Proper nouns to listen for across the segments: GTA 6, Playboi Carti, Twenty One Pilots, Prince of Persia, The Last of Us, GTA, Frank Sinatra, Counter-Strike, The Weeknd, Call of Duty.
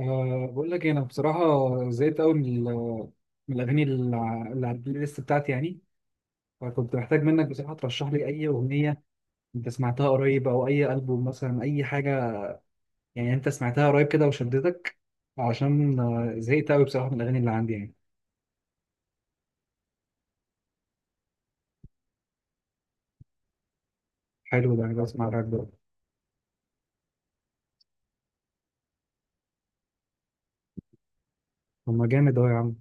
بقول لك إيه، انا بصراحه زهقت قوي من الاغاني اللي على البلاي ليست بتاعتي يعني. فكنت محتاج منك بصراحه ترشح لي اي اغنيه انت سمعتها قريب او اي البوم مثلا اي حاجه، يعني انت سمعتها قريب كده وشدتك. عشان زهقت قوي بصراحه من الاغاني اللي عندي يعني. حلو ده، انا بسمع راب ده. طب ما جامد اهو يا عم،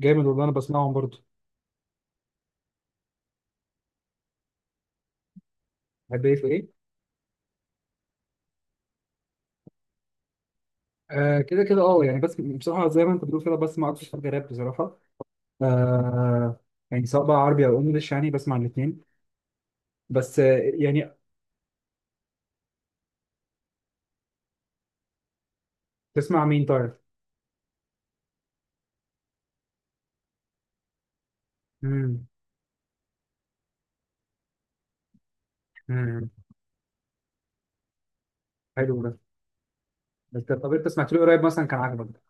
جامد والله انا بسمعهم برضه. بحب ايه في ايه؟ آه كده كده اه يعني، بس بصراحه زي ما انت بتقول كده بسمع اكتر حاجه راب بصراحه. آه. يعني سواء بقى عربي او انجلش يعني بسمع الاثنين، بس يعني. تسمع مين طيب؟ امم امم، حلو ده. بس طب انت سمعت له إيه قريب مثلا كان عجبك؟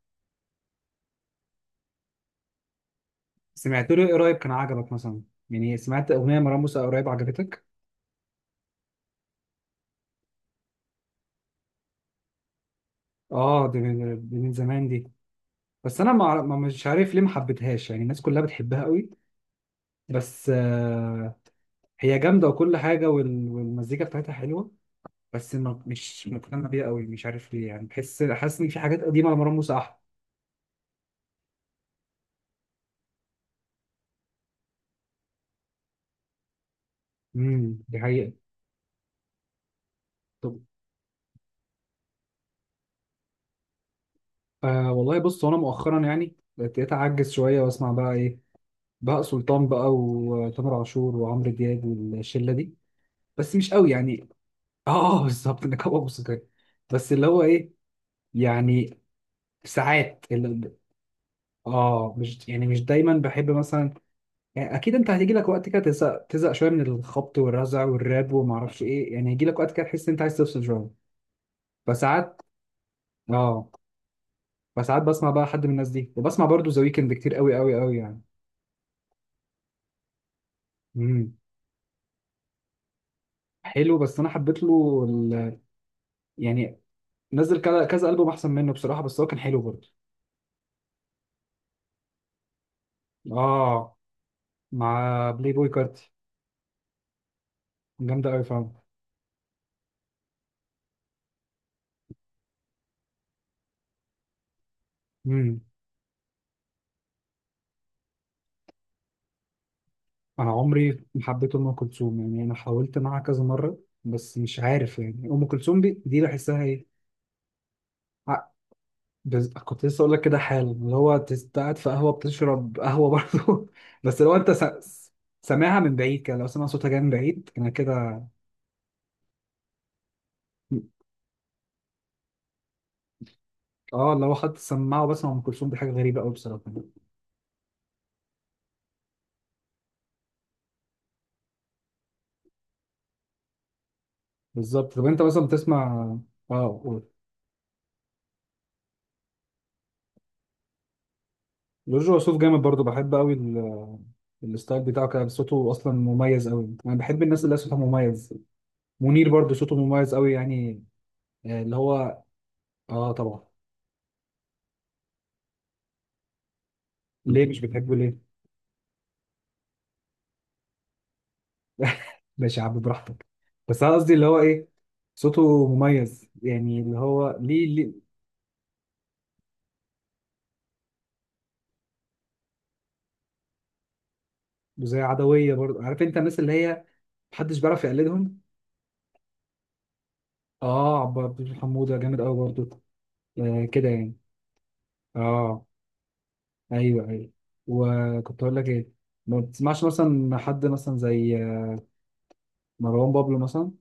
سمعت له إيه قريب كان عجبك مثلا، يعني سمعت اغنيه مروان موسى قريب عجبتك؟ اه دي، من زمان دي. بس انا مش عارف ليه ما حبيتهاش، يعني الناس كلها بتحبها قوي. بس آه، هي جامده وكل حاجه والمزيكا بتاعتها حلوه، بس ما مش مقتنع بيها قوي، مش عارف ليه يعني. بحس حاسس ان في حاجات قديمه لمروان موسى احلى. امم، دي حقيقه. طب، آه والله بص انا مؤخرا يعني بقيت اعجز شويه واسمع بقى ايه، بهاء سلطان بقى وتامر عاشور وعمرو دياب والشله دي. بس مش قوي يعني. اه بالظبط، نقابه موسيقيه. بس اللي هو ايه يعني، ساعات اللي اه مش يعني مش دايما بحب مثلا. يعني اكيد انت هتيجي لك وقت كده تزهق شويه من الخبط والرزع والراب وما اعرفش ايه، يعني هيجي لك وقت كده تحس ان انت عايز تفصل شويه. فساعات اه، فساعات بسمع بقى حد من الناس دي، وبسمع برضو ذا ويكند كتير قوي قوي قوي يعني. مم. حلو، بس انا حبيت له ال... يعني نزل كذا كذا البوم احسن منه بصراحه، بس هو كان حلو برضه. اه، مع بلاي بوي كارتي، جامده قوي فعلا. امم. انا عمري ما حبيت ام كلثوم يعني، انا حاولت معاها كذا مره بس مش عارف يعني. ام كلثوم دي بحسها ايه. ع- كنت لسه اقول لك كده حال اللي هو قاعد في قهوه بتشرب قهوه برضه. بس لو انت سامعها من بعيد كده، لو سمع صوتها جاي من بعيد انا كده. اه لو خدت السماعه وبسمع ام كلثوم دي حاجه غريبه قوي بصراحه. بالظبط. طب انت مثلا بتسمع؟ اه قول. جورج وسوف جامد برضو، بحب قوي ال... الستايل بتاعه كده، صوته اصلا مميز قوي، انا بحب الناس اللي صوتها مميز. منير برضو صوته مميز قوي يعني. آه، اللي هو. اه طبعا. ليه مش بتحبه ليه؟ ماشي يا عم براحتك. بس انا قصدي اللي هو ايه، صوته مميز يعني، اللي هو ليه ليه. زي عدوية برضو، عارف انت الناس اللي هي محدش بيعرف يقلدهم. اه، عبد الحميد حمودة جامد قوي برضو. آه كده يعني. اه ايوه ايوه. وكنت اقول لك ايه، ما بتسمعش مثلا حد مثلا زي مروان بابلو مثلا؟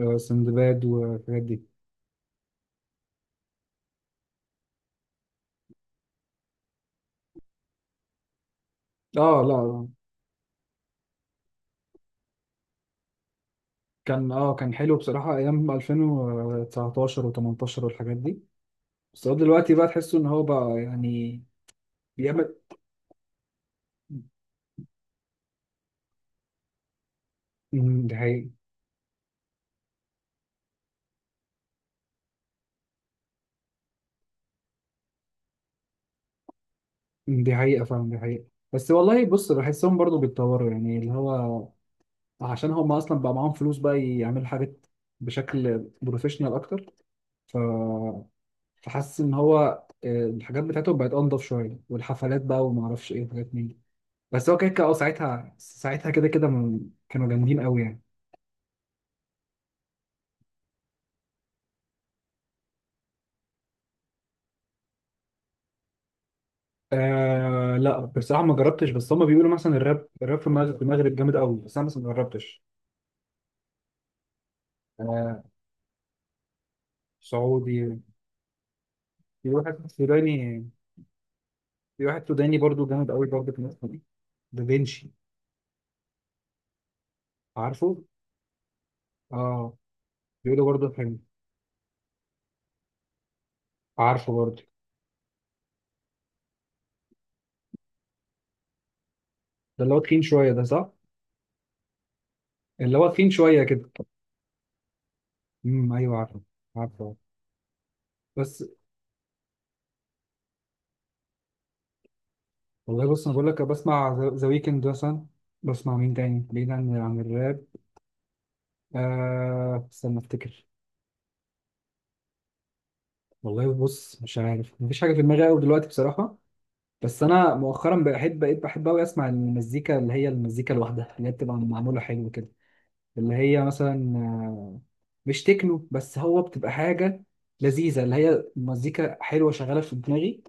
آه، سندباد والحاجات دي. اه لا لا. كان اه كان حلو بصراحة، ايام 2019 و18 والحاجات دي. بس هو دلوقتي بقى تحسه ان هو بقى يعني بيعمل. مم، دي حقيقة. مم، دي حقيقة فعلا، دي حقيقة. بس والله بص بحسهم برضو بيتطوروا، يعني اللي هو عشان هم اصلا بقى معاهم فلوس بقى يعملوا حاجات بشكل بروفيشنال اكتر، ف فحاسس ان هو آه، الحاجات بتاعته بقت انضف شويه، والحفلات بقى وما اعرفش ايه وحاجات من دي. بس هو كده كده اه ساعتها ساعتها كده كده كانوا جامدين قوي يعني. آه لا بصراحه ما جربتش، بس هم بيقولوا مثلا الراب في المغرب جامد قوي، بس انا مثلا ما جربتش. آه سعودي. في واحد سوداني. في واحد سوداني برضو جامد قوي برضو في مصر دي، دافينشي. عارفه؟ اه بيقولوا برضو حلو، عارفه برضو. ده اللي هو تخين شويه ده، صح؟ اللي هو تخين شويه كده. ايوه عارفه، عارفه. بس والله بص انا بقول لك بسمع ذا ويكند مثلا. بسمع مين تاني بعيد عن الراب؟ آه استنى افتكر. والله بص مش عارف، مفيش حاجه في دماغي قوي دلوقتي بصراحه. بس انا مؤخرا بقيت بحب قوي اسمع المزيكا اللي هي المزيكا الواحده اللي هي بتبقى معموله حلو كده. اللي هي مثلا آه، مش تكنو، بس هو بتبقى حاجه لذيذه اللي هي مزيكا حلوه شغاله في دماغي.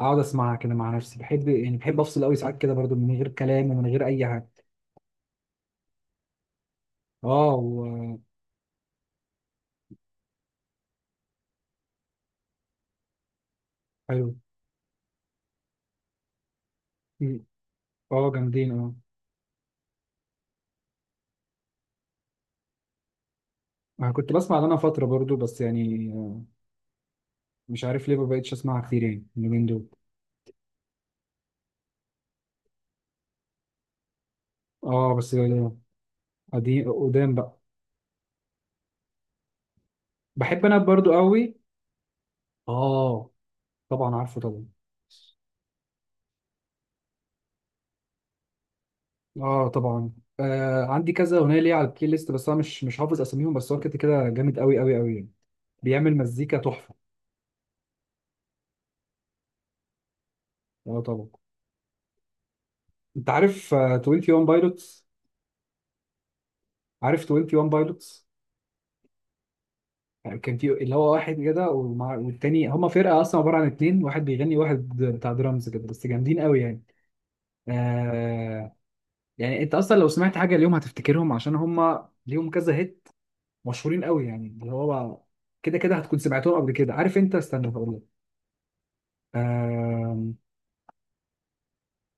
اقعد اسمعها كده مع نفسي بحب، يعني بحب افصل قوي ساعات كده برضو من غير كلام ومن غير اي حاجه. اه و... حلو. مم. اه جامدين اه. انا كنت بسمع لنا فترة برضو، بس يعني آه، مش عارف ليه ما بقتش اسمعها كتير يعني اليومين دول. اه بس آه، قديم قدام بقى. بحب انا برضو قوي. اه طبعا، عارفه طبعا. اه طبعا. آه عندي كذا اغنيه ليه على البلاي ليست، بس انا مش حافظ اساميهم، بس هو كده كده جامد قوي قوي قوي يعني. بيعمل مزيكا تحفه. اه طبعا. انت عارف آه، 21 بايلوتس؟ عارف 21 بايلوتس؟ يعني كان في اللي هو واحد كده والتاني هما فرقة أصلا عبارة عن اتنين، واحد بيغني واحد بتاع درامز كده، بس جامدين قوي يعني. آه. يعني أنت أصلا لو سمعت حاجة اليوم هتفتكرهم، عشان هما ليهم كذا هيت، مشهورين قوي يعني. اللي هو كده كده هتكون سمعتهم قبل كده. عارف أنت، استنى هقول لك. آه.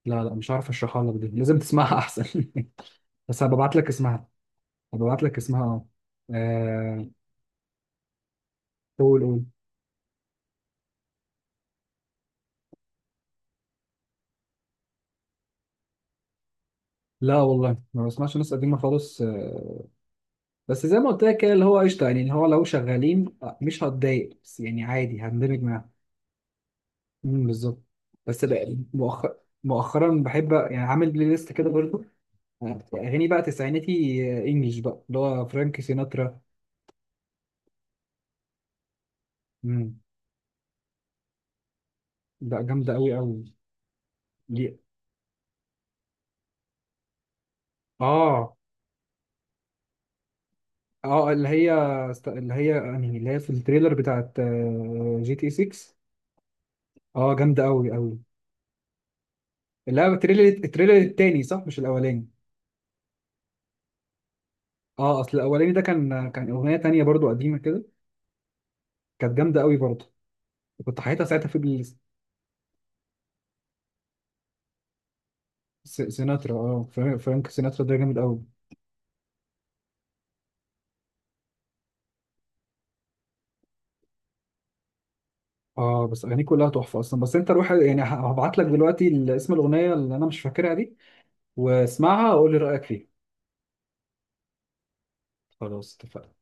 لا لا مش عارف أشرحها لك، دي لازم تسمعها أحسن. بس هبعت لك اسمها. هبعت لك اسمها اه. آه، قول قول. لا والله ما بسمعش ناس قديمة خالص آه، بس زي ما قلت لك كده اللي هو قشطه يعني، اللي هو لو شغالين مش هتضايق، بس يعني عادي هندمج معاهم. بالظبط. بس بقى مؤخر، مؤخرا بحب يعني عامل بلاي ليست كده برضه. آه، اغاني بقى تسعيناتي انجلش بقى اللي هو فرانك سيناترا. امم. لا جامده قوي قوي. ليه. اه اه اللي هي، اللي هي يعني اللي هي في التريلر بتاعت آه، جي تي 6. اه جامده قوي قوي. لا التريلر، التريلر التاني صح مش الاولاني. اه اصل الاولاني ده كان اغنيه تانية برضو قديمه كده، كانت جامده قوي برضه. كنت حياتها ساعتها في سيناترا. اه فرانك سيناترا ده جامد قوي. اه بس اغانيه كلها تحفه اصلا. بس انت روح يعني، هبعت لك دلوقتي اسم الاغنيه اللي انا مش فاكرها دي، واسمعها وقول لي رايك فيها. خلاص اتفقنا.